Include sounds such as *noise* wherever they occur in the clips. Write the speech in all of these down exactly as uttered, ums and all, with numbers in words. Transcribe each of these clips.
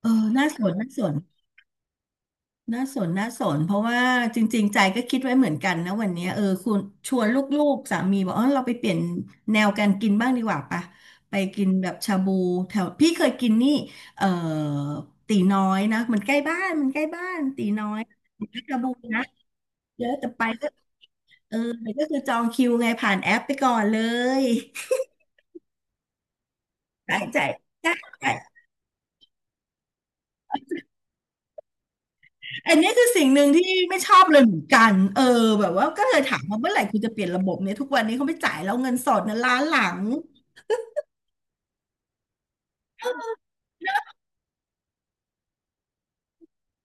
เออน่าสนน่าสนน่าสนน่าสนเพราะว่าจริงๆใจก็คิดไว้เหมือนกันนะวันเนี้ยเออคุณชวนลูกๆสามีบอกอ๋อเราไปเปลี่ยนแนวการกินบ้างดีกว่าปะไปกินแบบชาบูแถวพี่เคยกินนี่เออตีน้อยนะมันใกล้บ้านมันใกล้บ้านตีน้อยชาบูนะเยอะแต่ไปก็เออแต่ก็คือจองคิวไงผ่านแอปไปก่อนเลย *laughs* จ่ายจ่ายจ่าย อันนี้คือสิ่งหนึ่งที่ไม่ชอบเลยเหมือนกันเออแบบว่าก็เลยถามว่าเมื่อไหร่คุณจะเปลี่ยนระบบเนี่ยทุกวันนี้เขาไม่จ่ายแล้วเงินสดเนะล้านหลัง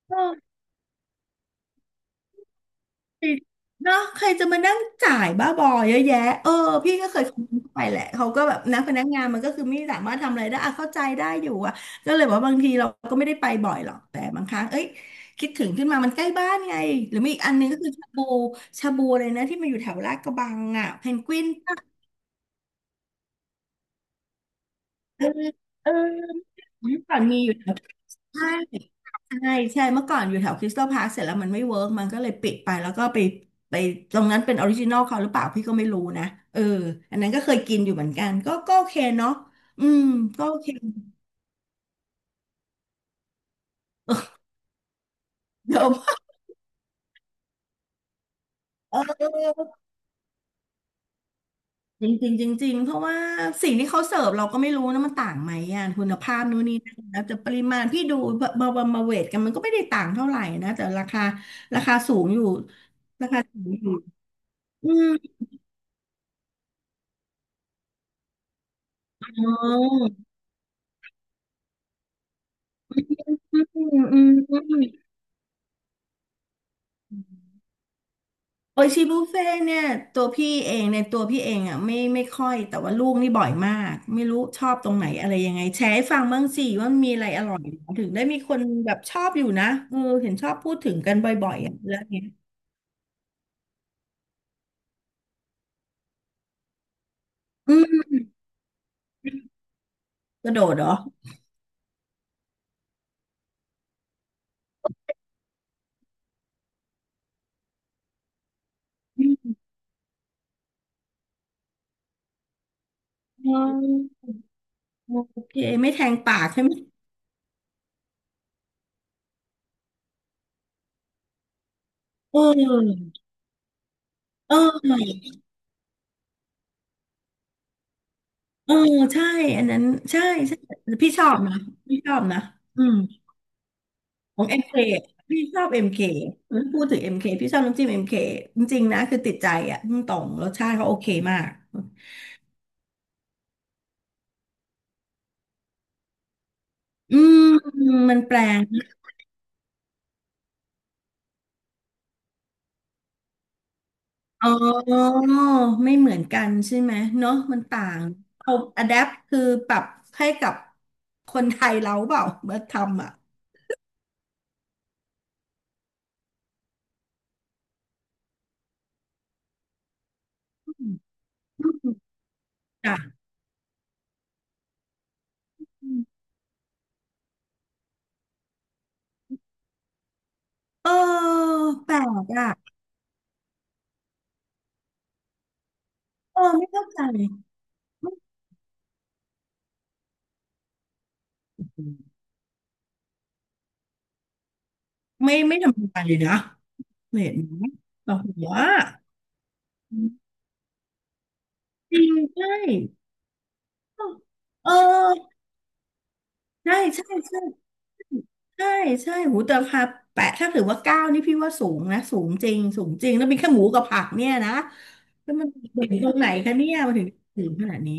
เออเนาะใครจะมานั่งจ่ายบ้าบอเยอะแยะเออพี่ก็เคยคอมเมนต์ไปแหละเขาก็แบบนะพนักงานมันก็คือไม่สามารถทำอะไรได้อะเข้าใจได้อยู่อะก็เลยบอกว่าบางทีเราก็ไม่ได้ไปบ่อยหรอกแต่บางครั้งเอ้ยคิดถึงขึ้นมามันใกล้บ้านไงหรือมีอีกอันหนึงก็คือชาบูชาบูเลยนะที่มันอยู่แถวลาดกระบังอะเพนกวิน เออเออเมื่อก่อนมีอยู่แถวใช่ใช่ใช่เมื่อก่อนอยู่แถวคริสตัลพาร์คเสร็จแล้วมันไม่เวิร์กมันก็เลยปิดไปแล้วก็ไปไปตรงนั้นเป็นออริจินอลเขาหรือเปล่าพี่ก็ไม่รู้นะเอออันนั้นก็เคยกินอยู่เหมือนกันก็ก็โอเคเนาะอืมก็โอเคเดิมเออจริงจริงจริงๆเพราะว่าสิ่งที่เขาเสิร์ฟเราก็ไม่รู้นะมันต่างไหมอ่ะคุณภาพนู่นนี่นั่นแล้วแต่ปริมาณพี่ดูมามามาเวทกันมันก็ไม่ได้ต่างเท่าไหร่นะแต่ราคาราคาสูงอยู่อืม อ๋ออืมอืมอืมโออิชิบุฟเฟ่ต์เนี่ยตัวพี่เองในตัวพี่เองอ่ะไม่ไม่ค่อยแต่ว่าลูกนี่บ่อยมากไม่รู้ชอบตรงไหนอะไรยังไงแชร์ให้ฟังบ้างสิว่ามีอะไรอร่อยถึงได้มีคนแบบชอบอยู่นะเออเห็นชอบพูดถึงกันบ่อยๆอ่ะเรื่องเนี้ยอืมกระโดดเหรออืมอ๋อโอเคไม่แทงปากใช่ไหมเออเออเออใช่อันนั้นใช่ใช่พี่ชอบนะพี่ชอบนะอืม ของเอ็มเคพี่ชอบเอ็มเคพูดถึงเอ็มเคพี่ชอบน้ำจิ้มเอ็มเคจริงๆนะคือติดใจอ่ะพุ่งตรงรสชาติเขาโอเคมากอืมมันแปลงอ๋อไม่เหมือนกันใช่ไหมเนาะมันต่างเอาอะแดปคือปรับให้กับคนไทยเราเปล่าเมื่อทำอ่ะอืมอืมจ้ะอืมเออแปลกอ่ะเออไม่เข้าใจไม่ไม่ธรรมดาเลยนะเห็นไหมแบบว่าจริงใช่ เออใช่ใช่ใช่ ใช่ ใช่ หูแต่ราคาแปะถ้าถือว่าเก้านี่พี่ว่าสูงนะ สูงจริง สูงจริง แล้วมีแค่หมูกับผักเนี่ยนะแล้วมันเด่นตรงไหนคะเนี่ยมันถึงถึงขนาดนี้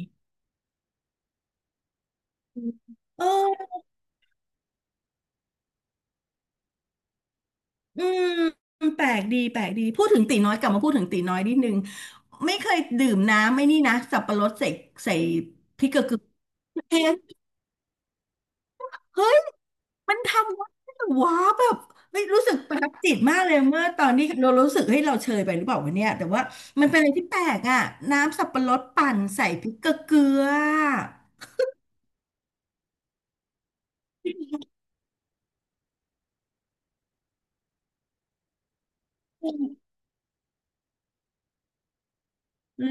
เออ อืม แปลกดีแปลกดี พูดถึงตีน้อยกลับมาพูดถึงตีน้อยนิดนึงไม่เคยดื่มน้ำไม่นี่นะสับปะรดใส่ใส่พริกเกลือเค็ม เฮ้ยมันทำได้เหรอวะแบบไม่รู้สึกประทับจิตมากเลยเมื่อตอนนี้เรารู้สึกเฮ้ยเราเชยไปหรือเปล่าวะเนี่ยแต่ว่ามันเป็นอะไรที่แปลกอ่ะน้ำสับปะรดปั่นใส่พริกเกลือ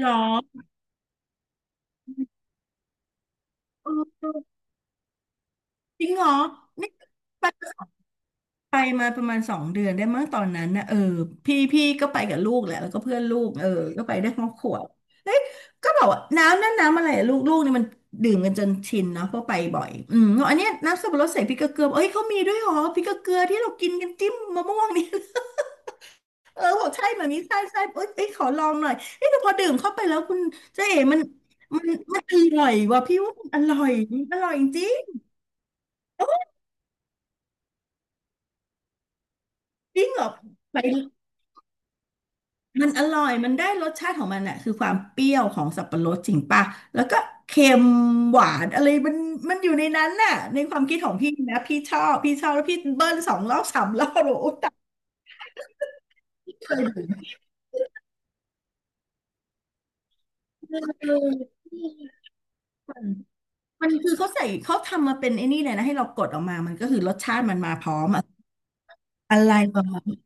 หรอเออจริงเหรอนี่ปั่น ไปมาประมาณสองเดือนได้มั้งตอนนั้นนะเออพี่พี่ก็ไปกับลูกแหละแล้วก็เพื่อนลูกเออก็ไปได้ครอบครัวเอ้ยก็บอกว่าน้ำนั่นน้ำอะไรอะลูกลูกนี่มันดื่มกันจนชินเนาะเพราะไปบ่อยอืมบอกอันเนี้ยน้ำสับปะรดใส่พริกเกลือเกลือบอกเอ้ยเขามีด้วยเหรอพริกเกลือเกลือที่เรากินกันจิ้มมะม่วงนี่ *laughs* เออบอกใช่แบบนี้ใช่ใช่เอ้ยเอ้ยขอลองหน่อยเอ้ยแต่พอดื่มเข้าไปแล้วคุณเจ๊เอ๋มันมันมันอร่อยว่ะพี่ว่ามันอร่อยมันอร่อยจริงจริงเหรอไป มันอร่อยมันได้รสชาติของมันอะคือความเปรี้ยวของสับปะรดจริงป่ะแล้วก็เค็มหวานอะไรมันมันอยู่ในนั้นน่ะในความคิดของพี่นะพี่ชอบพี่ชอบแล้วพี่เบิ้ลสองรอบสามรอบโอ้โหตายเลยเออมันคือเขาใส่เขาทำมาเป็นไอ้นี่เลยนะให้เรากดออกมามันก็คือรสชาติมันมาพร้อมอะอะไรประมาณ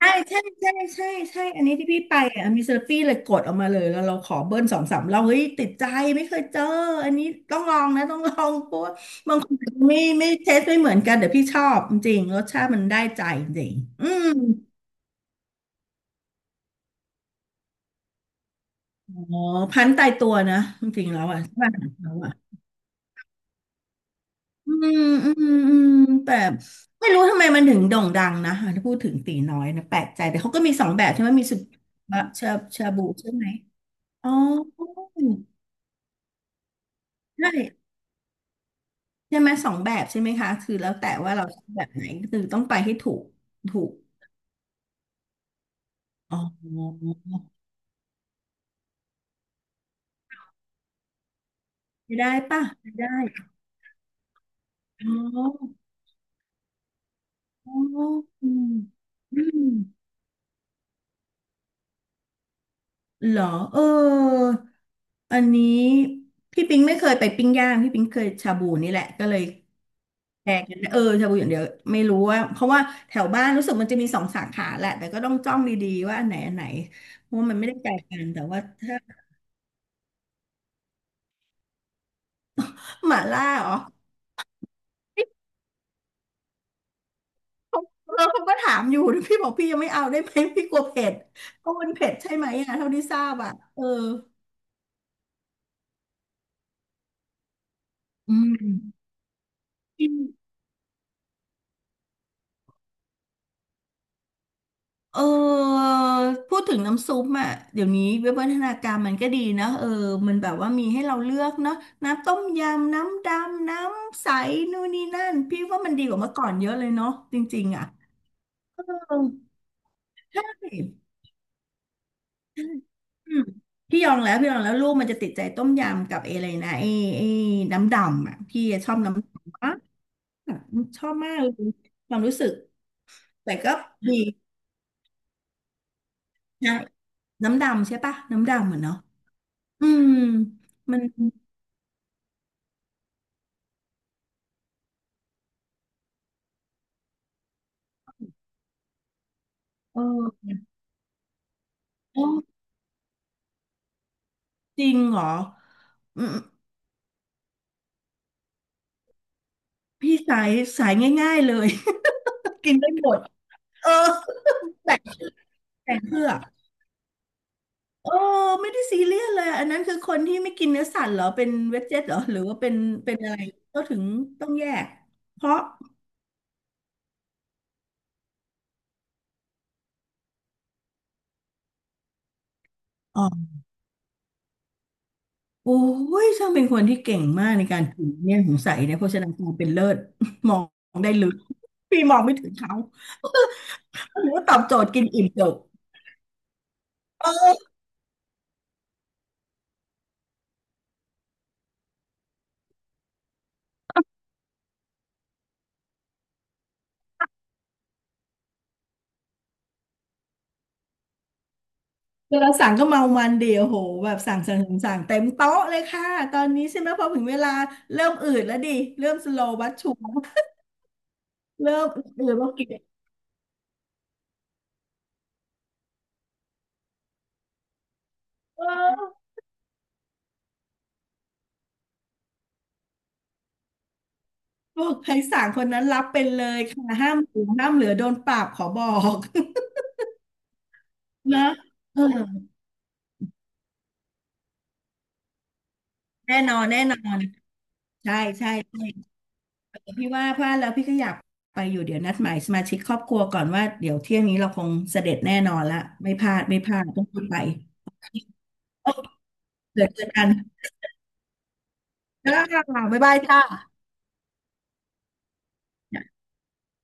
ใช่ใช่ใช่ใช่ใช่อันนี้ที่พี่ไปอ่ะมีเซอร์ฟี่เลยกดออกมาเลยแล้วเราขอเบิ้ลสองสามเราเฮ้ยติดใจไม่เคยเจออันนี้ต้องลองนะต้องลองเพราะว่าบางคนอาจจะไม่ไม่เทสไม่เหมือนกันแต่พี่ชอบจริงๆรสชาติมันได้ใจจริงๆอืมอ๋อพันตายตัวนะจริงๆแล้วอ่ะใช่ป่ะแล้วอ่ะอืมอืมอืมแต่ไม่รู้ทำไมมันถึงโด่งดังนะถ้าพูดถึงตีน้อยนะแปลกใจแต่เขาก็มีสองแบบใช่ไหมมีสุดชาชาบูใช่ไหมอ๋อใช่ ใช่ไหมสองแบบใช่ไหมคะคือแล้วแต่ว่าเราชอบแบบไหนคือต้องไปให้ถูกถูกอ๋อไมได้ป่ะไมได้อ๋ออ๋ออืมอืมเหรอเอออันนี้พี่ปิงไม่เคยไปปิ้งย่างพี่ปิงเคยชาบูนี่แหละก็เลยแชร์กันเออชาบูอย่างเดียวไม่รู้ว่าเพราะว่าแถวบ้านรู้สึกมันจะมีสองสาขาแหละแต่ก็ต้องจ้องดีๆว่าอันไหนอันไหนเพราะว่ามันไม่ได้ไกลกันแต่ว่าถ้าหม่าล่าเหรอ เออเขาก็ถามอยู่พี่บอกพี่ยังไม่เอาได้ไหมพี่กลัวเผ็ดก็มันเผ็ดใช่ไหมอ่ะเท่าที่ทราบอ่ะเอออืมอืมเออพูดถึงน้ำซุปอ่ะเดี๋ยวนี้วิวัฒนาการมันก็ดีนะเออมันแบบว่ามีให้เราเลือกเนาะน้ำต้มยำ น้ำดำน้ำใสนู่นนี่นั่นพี่ว่ามันดีกว่าเมื่อก่อนเยอะเลยเนาะจริงๆอ่ะเออใช่อืมพี่ยองแล้วพี่ยองแล้วลูกมันจะติดใจต้มยำกับไออะไรนะไอไอน้ำดำอ่ะพี่ชอบน้ำดำ ค่ะชอบมากเลยความรู้สึกแต่ก็ดีนะน้ำดำใช่ปะน้ำดำเหมือนเนาะอืมมันเออโอ้จริงเหรออืมพี่สายสายง่ายๆเลย *laughs* กินได้หมดเออแบ่งแบ่งเพื่อกเออไม่ได้ซีเรียสเลยอันนั้นคือคนที่ไม่กินเนื้อสัตว์เหรอเป็นเวจเจตเหรอหรือว่าเป็นเป็นอะไรก็ถึงต้องแยกเพราะอ๋อ โอ้ย ช่างเป็นคนที่เก่งมากในการถือเนี่ยสงสัยเนี่ยโภชนาการเป็นเลิศ *laughs* มองได้ลึกพี่มองไม่ถึงเขา *laughs* หรือว่าตอบโจทย์กินอิ่มจบเออเวลาสั่งก็เมามันเดียวโหแบบสั่งสั่งสั่งสั่งเต็มโต๊ะเลยค่ะ ตอนนี้ใช่ไหมพอถึงเวลาเริ่มอืดแล้วดิ เริ่มสโลว์บัสชูเริ่มอืดๆแล้วกินเออบอกใครสั่งคนนั้นรับเป็นเลยค่ะห้ามเหลือห้ามเหลือโดนปรับขอบอก *laughs* นะเออแน่นอนแน่นอนใช่ใช่ พี่ว่าพลาดแล้วพี่ก็อยากไปอยู่เดี๋ยวนัดหมายสมาชิกครอบครัวก่อนว่าเดี๋ยวเที่ยงนี้เราคงเสด็จแน่นอนละไม่พลาดไม่พลาดต้องรีบไปโอเคเดี๋ยวเจอกันจ้าบ๊ายบายจ้า